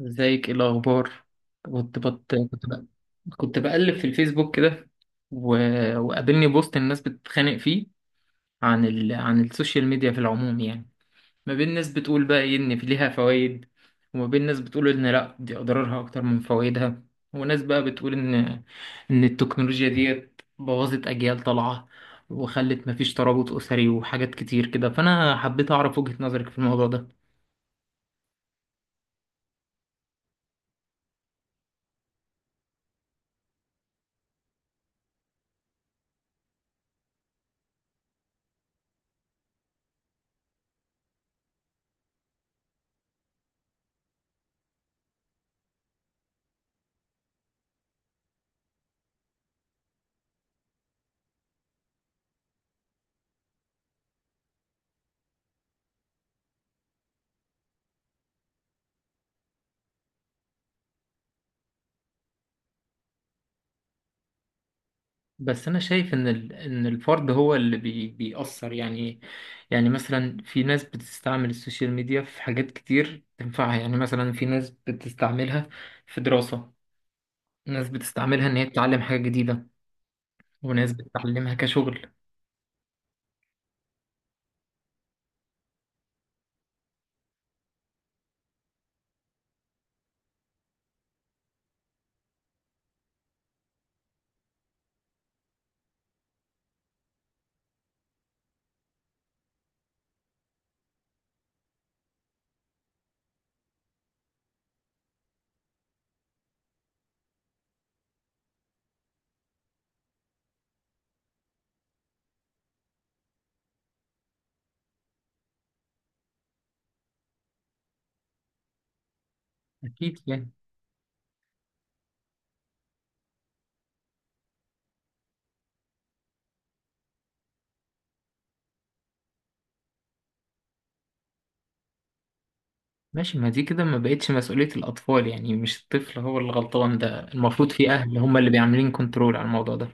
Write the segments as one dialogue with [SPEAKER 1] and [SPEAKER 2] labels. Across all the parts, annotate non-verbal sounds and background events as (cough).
[SPEAKER 1] ازيك؟ ايه الاخبار؟ كنت بت... كنت بقى... كنت بقلب في الفيسبوك كده. و... وقابلني بوست الناس بتتخانق فيه عن عن السوشيال ميديا في العموم، يعني ما بين ناس بتقول بقى ايه ان في ليها فوائد، وما بين ناس بتقول ان لا دي اضرارها اكتر من فوائدها. وناس بقى بتقول ان التكنولوجيا ديت بوظت اجيال طالعة وخلت مفيش ترابط اسري وحاجات كتير كده. فانا حبيت اعرف وجهة نظرك في الموضوع ده. بس انا شايف ان الفرد هو اللي بيأثر، يعني إيه؟ يعني مثلا في ناس بتستعمل السوشيال ميديا في حاجات كتير تنفعها، يعني مثلا في ناس بتستعملها في دراسة، ناس بتستعملها ان هي تتعلم حاجة جديدة، وناس بتتعلمها كشغل. اكيد يعني. ماشي. ما دي كده ما بقتش مسؤولية الاطفال، يعني مش الطفل هو اللي غلطان، ده المفروض في اهل هم اللي بيعملين كنترول على الموضوع ده.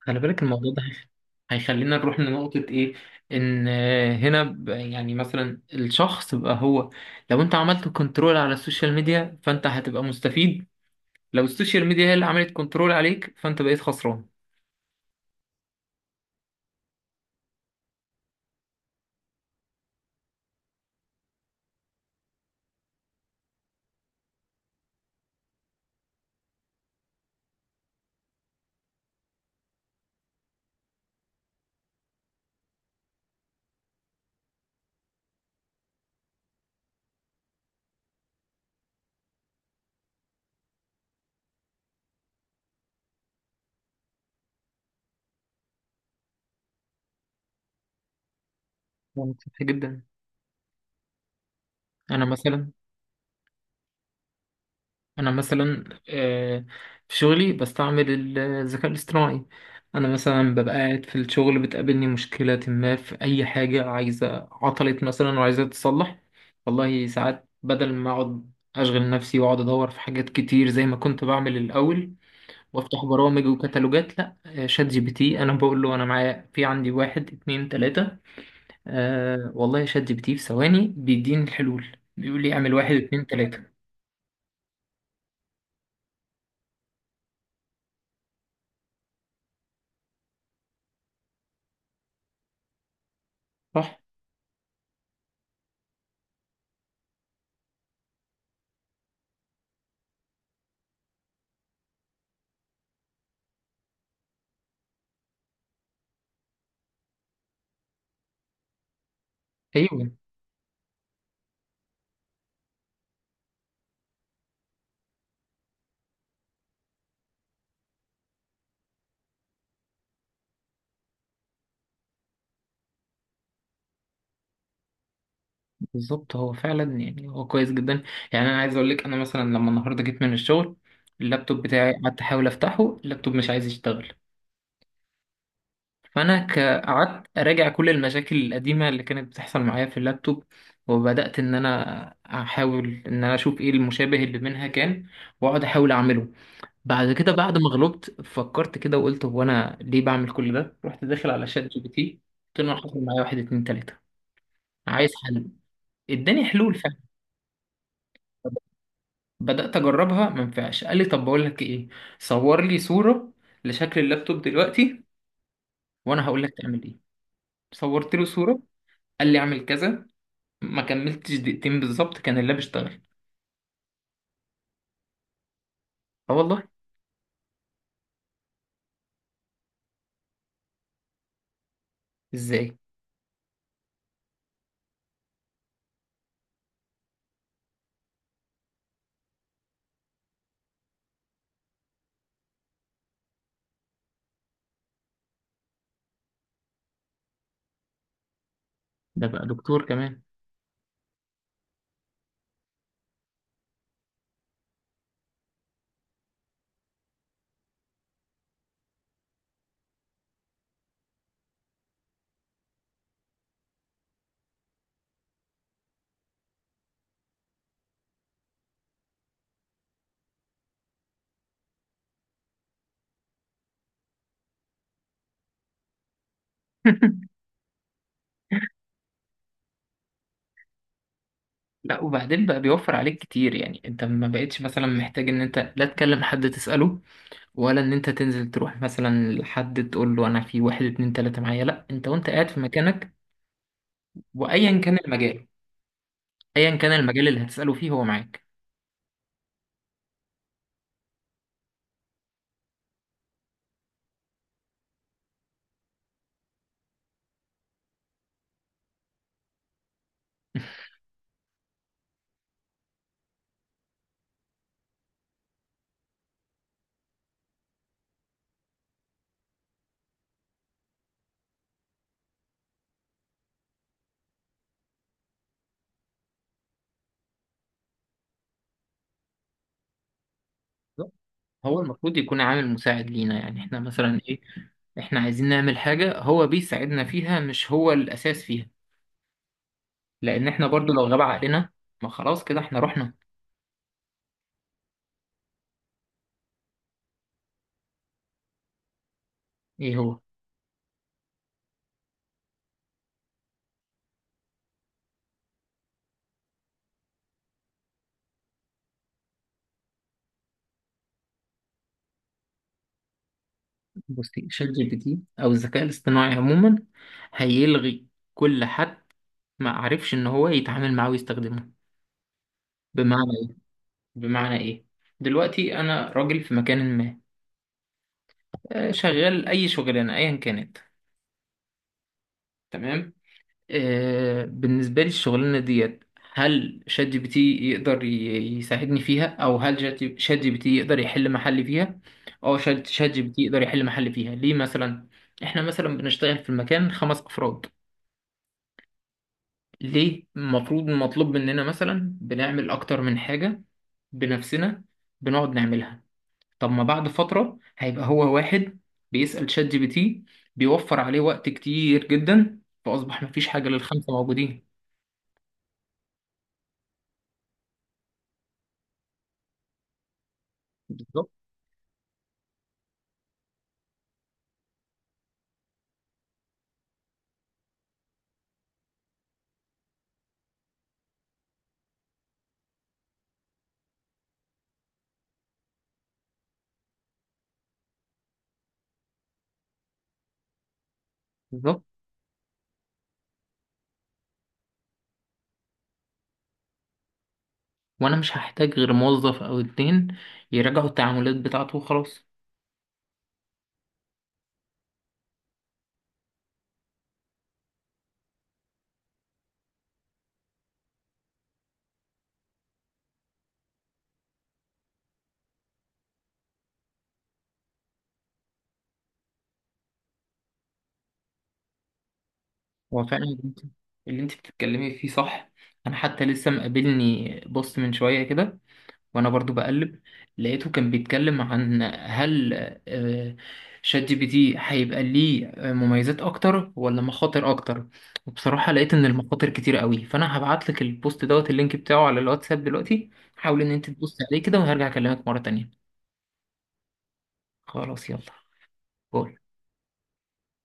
[SPEAKER 1] خلي بالك الموضوع ده هيخلينا نروح لنقطة إيه؟ إن، هنا يعني مثلا الشخص بقى هو، لو أنت عملت كنترول على السوشيال ميديا فأنت هتبقى مستفيد، لو السوشيال ميديا هي اللي عملت كنترول عليك فأنت بقيت خسران. ده سطحي جدا. أنا مثلا انا مثلا، في شغلي بستعمل الذكاء الاصطناعي. انا مثلا ببقى قاعد في الشغل بتقابلني مشكلة ما في اي حاجة عايزة، عطلت مثلا وعايزة تتصلح. والله ساعات بدل ما اقعد اشغل نفسي واقعد ادور في حاجات كتير زي ما كنت بعمل الاول وافتح برامج وكتالوجات، لا، شات جي بي تي انا بقول له انا معايا، في عندي واحد اتنين تلاتة. أه والله، شات جي بي تي في ثواني بيديني الحلول، بيقول لي اعمل واحد اتنين تلاتة. صح. ايوه. بالظبط، هو فعلا، يعني هو كويس جدا. يعني انا عايز اقول لك، انا مثلا لما النهارده جيت من الشغل اللابتوب بتاعي قعدت احاول افتحه، اللابتوب مش عايز يشتغل. فانا قعدت اراجع كل المشاكل القديمه اللي كانت بتحصل معايا في اللابتوب، وبدات ان انا احاول ان انا اشوف ايه المشابه اللي منها كان، واقعد احاول اعمله. بعد كده، بعد ما غلبت فكرت كده وقلت هو انا ليه بعمل كل ده، رحت داخل على شات جي بي تي. قلت له أنا حصل معايا واحد اتنين تلاته، عايز حل. اداني حلول فعلا. بدأت أجربها ما ينفعش، قال لي طب بقول لك إيه، صور لي صورة لشكل اللابتوب دلوقتي وأنا هقول لك تعمل إيه. صورت له صورة، قال لي أعمل كذا، ما كملتش دقيقتين بالظبط كان اللاب اشتغل. أه والله. إزاي؟ ده بقى دكتور كمان. (laughs) لا، وبعدين بقى بيوفر عليك كتير، يعني انت ما بقتش مثلا محتاج ان انت لا تكلم حد تسأله، ولا ان انت تنزل تروح مثلا لحد تقول له انا في واحد اتنين تلاتة معايا، لا انت وانت قاعد في مكانك وايا كان المجال، ايا كان المجال اللي هتسأله فيه هو معاك. هو المفروض يكون عامل مساعد لينا، يعني احنا مثلا ايه، احنا عايزين نعمل حاجة هو بيساعدنا فيها، مش هو الأساس فيها، لأن احنا برضو لو غاب عقلنا ما خلاص كده احنا رحنا. ايه هو؟ بصي، شات جي بي تي أو الذكاء الاصطناعي عموما هيلغي كل حد ما عرفش إن هو يتعامل معاه ويستخدمه. بمعنى ايه بمعنى ايه دلوقتي أنا راجل في مكان ما، شغال أي شغلانة أيا كانت. تمام. بالنسبة لي الشغلانة ديت، هل شات جي بي تي يقدر يساعدني فيها، أو هل شات جي بي تي يقدر يحل محلي فيها؟ أه، شات جي بي تي يقدر يحل محلي فيها ليه مثلا؟ إحنا مثلا بنشتغل في المكان 5 أفراد، ليه المفروض مطلوب مننا مثلا بنعمل أكتر من حاجة بنفسنا، بنقعد نعملها. طب ما بعد فترة هيبقى هو واحد بيسأل شات جي بي تي، بيوفر عليه وقت كتير جدا، فأصبح مفيش حاجة للخمسة موجودين. بالظبط. بالظبط. وانا مش هحتاج غير موظف او اتنين يراجعوا التعاملات بتاعته وخلاص. هو فعلا اللي انت بتتكلمي فيه صح. انا حتى لسه مقابلني بوست من شوية كده وانا برضو بقلب، لقيته كان بيتكلم عن هل آه، شات جي بي تي هيبقى ليه مميزات اكتر ولا مخاطر اكتر. وبصراحة لقيت ان المخاطر كتير قوي، فانا هبعت لك البوست دوت اللينك بتاعه على الواتساب دلوقتي. حاول ان انت تبص عليه كده وهرجع اكلمك مرة تانية. خلاص يلا. باي.